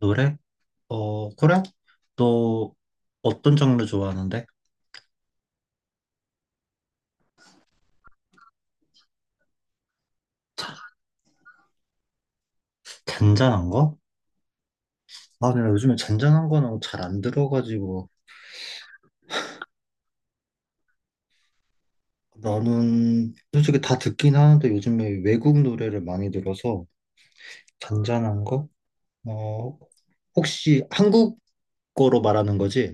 노래? 어, 그래? 너 어떤 장르 좋아하는데? 잔잔한 거? 아, 근데 요즘에 잔잔한 거는 잘 안 들어가지고. 나는 솔직히 다 듣긴 하는데 요즘에 외국 노래를 많이 들어서. 잔잔한 거? 어, 혹시 한국어로 말하는 거지?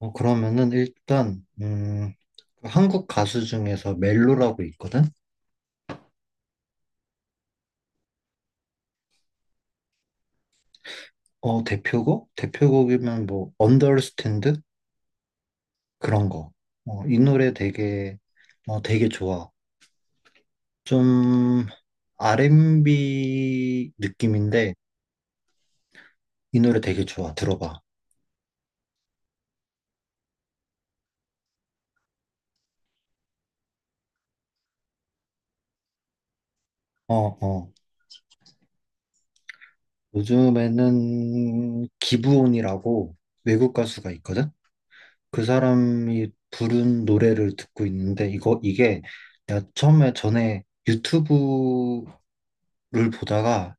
어, 그러면은 일단 한국 가수 중에서 멜로라고 있거든? 어, 대표곡? 대표곡이면 뭐 언더스탠드? 그런 거. 어, 이 노래 되게 되게 좋아. 좀 R&B 느낌인데 이 노래 되게 좋아. 들어봐. 어, 어. 요즘에는 기브온이라고 외국 가수가 있거든? 그 사람이 부른 노래를 듣고 있는데 이거 이게 내가 처음에 전에 유튜브를 보다가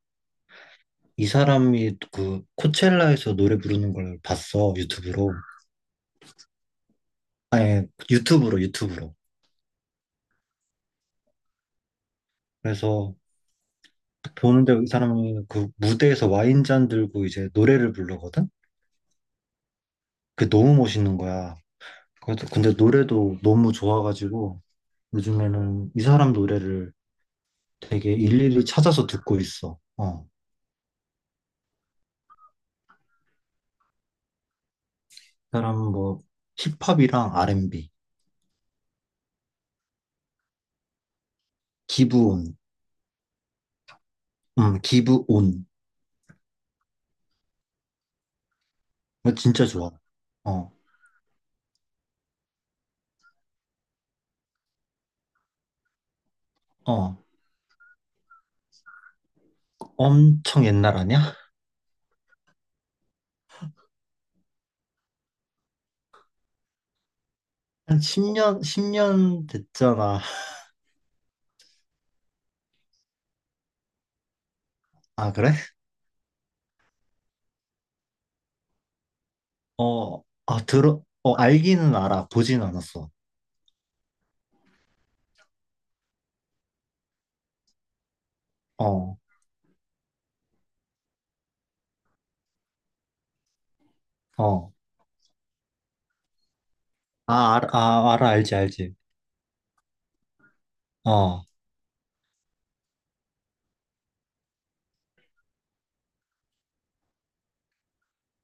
이 사람이 그 코첼라에서 노래 부르는 걸 봤어. 유튜브로. 아니, 유튜브로. 그래서 보는데 이 사람이 그 무대에서 와인잔 들고 이제 노래를 부르거든? 그게 너무 멋있는 거야. 그래서 근데 노래도 너무 좋아가지고 요즘에는 이 사람 노래를 되게 일일이 찾아서 듣고 있어. 어. 이 사람은 뭐 힙합이랑 R&B, 기브온, 기브온. 이거 진짜 좋아. 어, 어. 엄청 옛날 아니야? 한 10년, 십 년 됐잖아. 아, 그래? 어, 아, 알기는 알아. 보진 않았어. 어, 어. 아, 알아, 알지, 알지. 어, 어,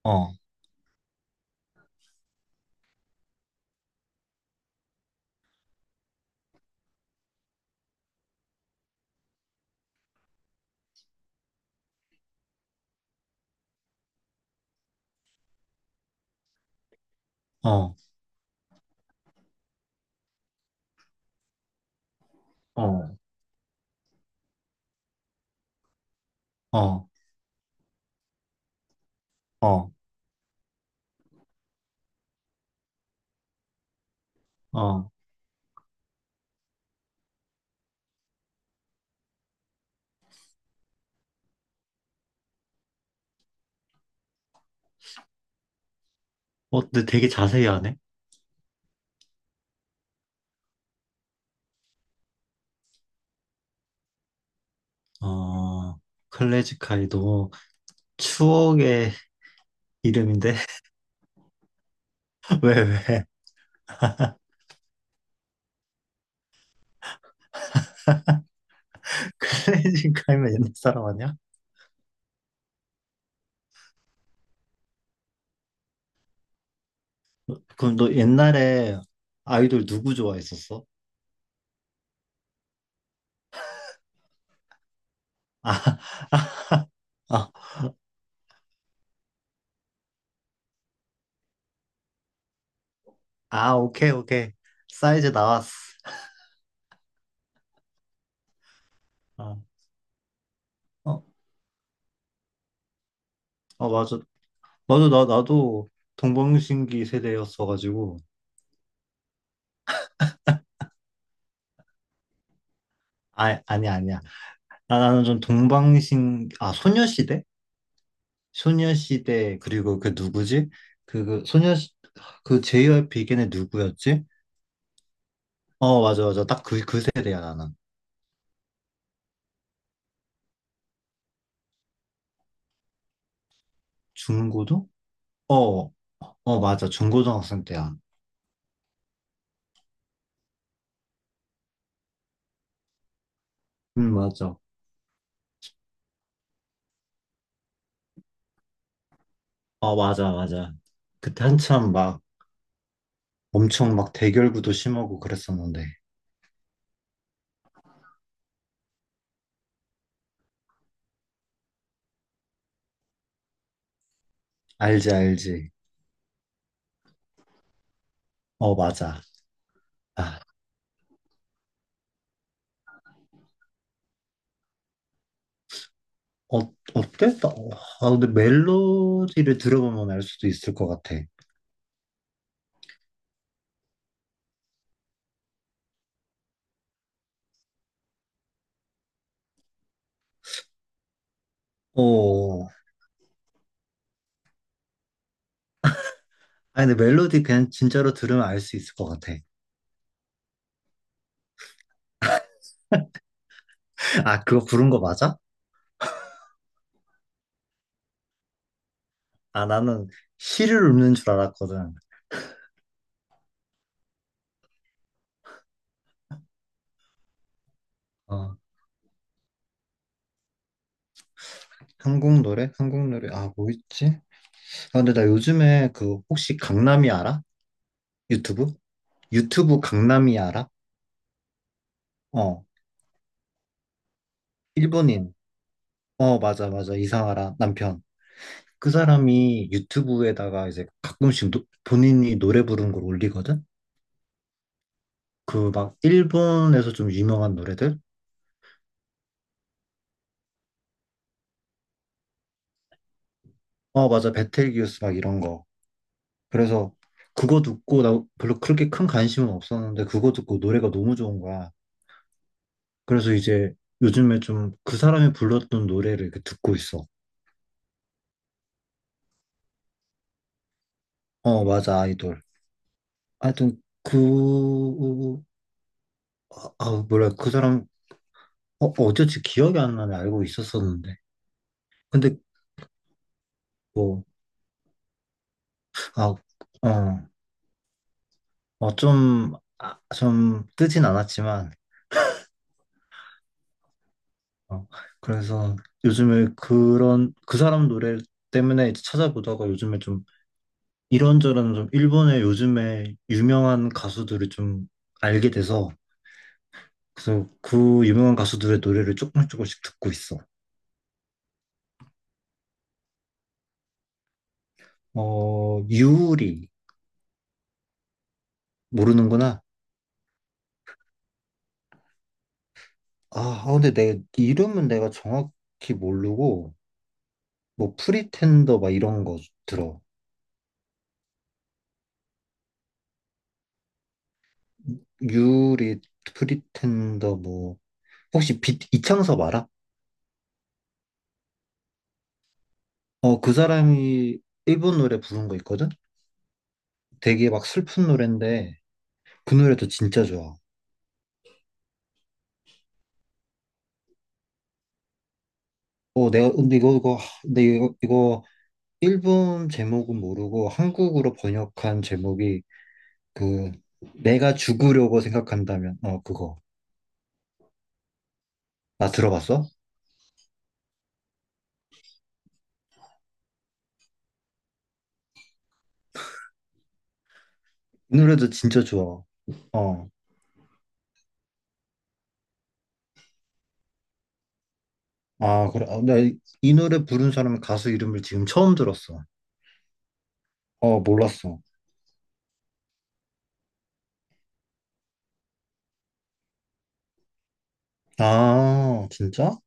어, 어, 어, 어, 어. 어, 근데 되게 자세히 하네. 어, 클래식 카이 너 추억의 이름인데? 왜, 왜? 클래식 카이면 옛날 사람 아니야? 그럼 너 옛날에 아이돌 누구 좋아했었어? 아, 아, 아, 오케이, 오케이. 사이즈 나왔어. 아, 어, 어, 맞아. 맞아, 나도 동방신기 세대였어가지고. 아, 아니, 아니야. 아, 나는 좀 아, 소녀시대? 소녀시대, 그리고 그 누구지? 그, 그 소녀, 그 JYP 걔네 누구였지? 어, 맞아, 맞아. 딱 그 세대야, 나는. 중고등? 어, 어, 맞아. 중고등학생 때야. 응, 맞아. 어, 맞아, 맞아. 그때 한참 막 엄청 막 대결구도 심하고 그랬었는데. 알지, 알지. 어, 맞아. 아, 어, 어땠다? 어, 아, 근데 멜로디를 들어보면 알 수도 있을 것 같아. 어, 아, 근데 멜로디 그냥 진짜로 들으면 알 수 있을 것 같아. 아, 그거 부른 거 맞아? 아, 나는 시를 읊는 줄 알았거든. 어. 한국 노래? 한국 노래, 아, 뭐 있지? 아, 근데 나 요즘에 그 혹시 강남이 알아? 유튜브? 유튜브 강남이 알아? 어, 일본인. 어, 맞아, 맞아, 이상하라 남편. 그 사람이 유튜브에다가 이제 가끔씩 본인이 노래 부르는 걸 올리거든? 그 막 일본에서 좀 유명한 노래들? 어, 맞아, 베텔기우스 막 이런 거. 그래서 그거 듣고 나 별로 그렇게 큰 관심은 없었는데 그거 듣고 노래가 너무 좋은 거야. 그래서 이제 요즘에 좀 그 사람이 불렀던 노래를 이렇게 듣고 있어. 어, 맞아, 아이돌. 하여튼 그, 뭐그 사람, 어, 어쩐지 기억이 안 나네. 알고 있었었는데. 근데 뭐, 아, 어, 어, 좀, 아, 좀 뜨진 않았지만, 어, 그래서 요즘에 그런, 그 사람 노래 때문에 이제 찾아보다가 요즘에 좀 이런저런 좀 일본의 요즘에 유명한 가수들을 좀 알게 돼서 그래서 그 유명한 가수들의 노래를 조금씩 조금씩 듣고 있어. 어, 유리 모르는구나. 아, 근데 내 이름은 내가 정확히 모르고 뭐 프리텐더 막 이런 거 들어. 유리 프리텐더 뭐 혹시 빛 이창섭 알아? 어, 그 사람이 일본 노래 부른 거 있거든? 되게 막 슬픈 노래인데 그 노래도 진짜 좋아. 어, 내가, 근데 일본 제목은 모르고 한국으로 번역한 제목이 그, 내가 죽으려고 생각한다면, 그거. 나 들어봤어? 이 노래도 진짜 좋아. 어. 아, 그래. 아, 나이 이 노래 부른 사람 가수 이름을 지금 처음 들었어. 어, 몰랐어. 아, 진짜?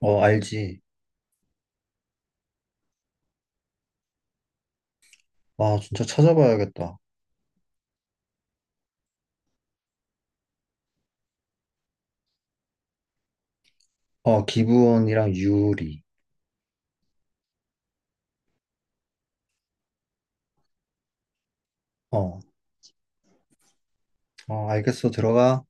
어, 알지. 아, 진짜 찾아봐야겠다. 어, 기부원이랑 유리. 어, 어, 알겠어. 들어가.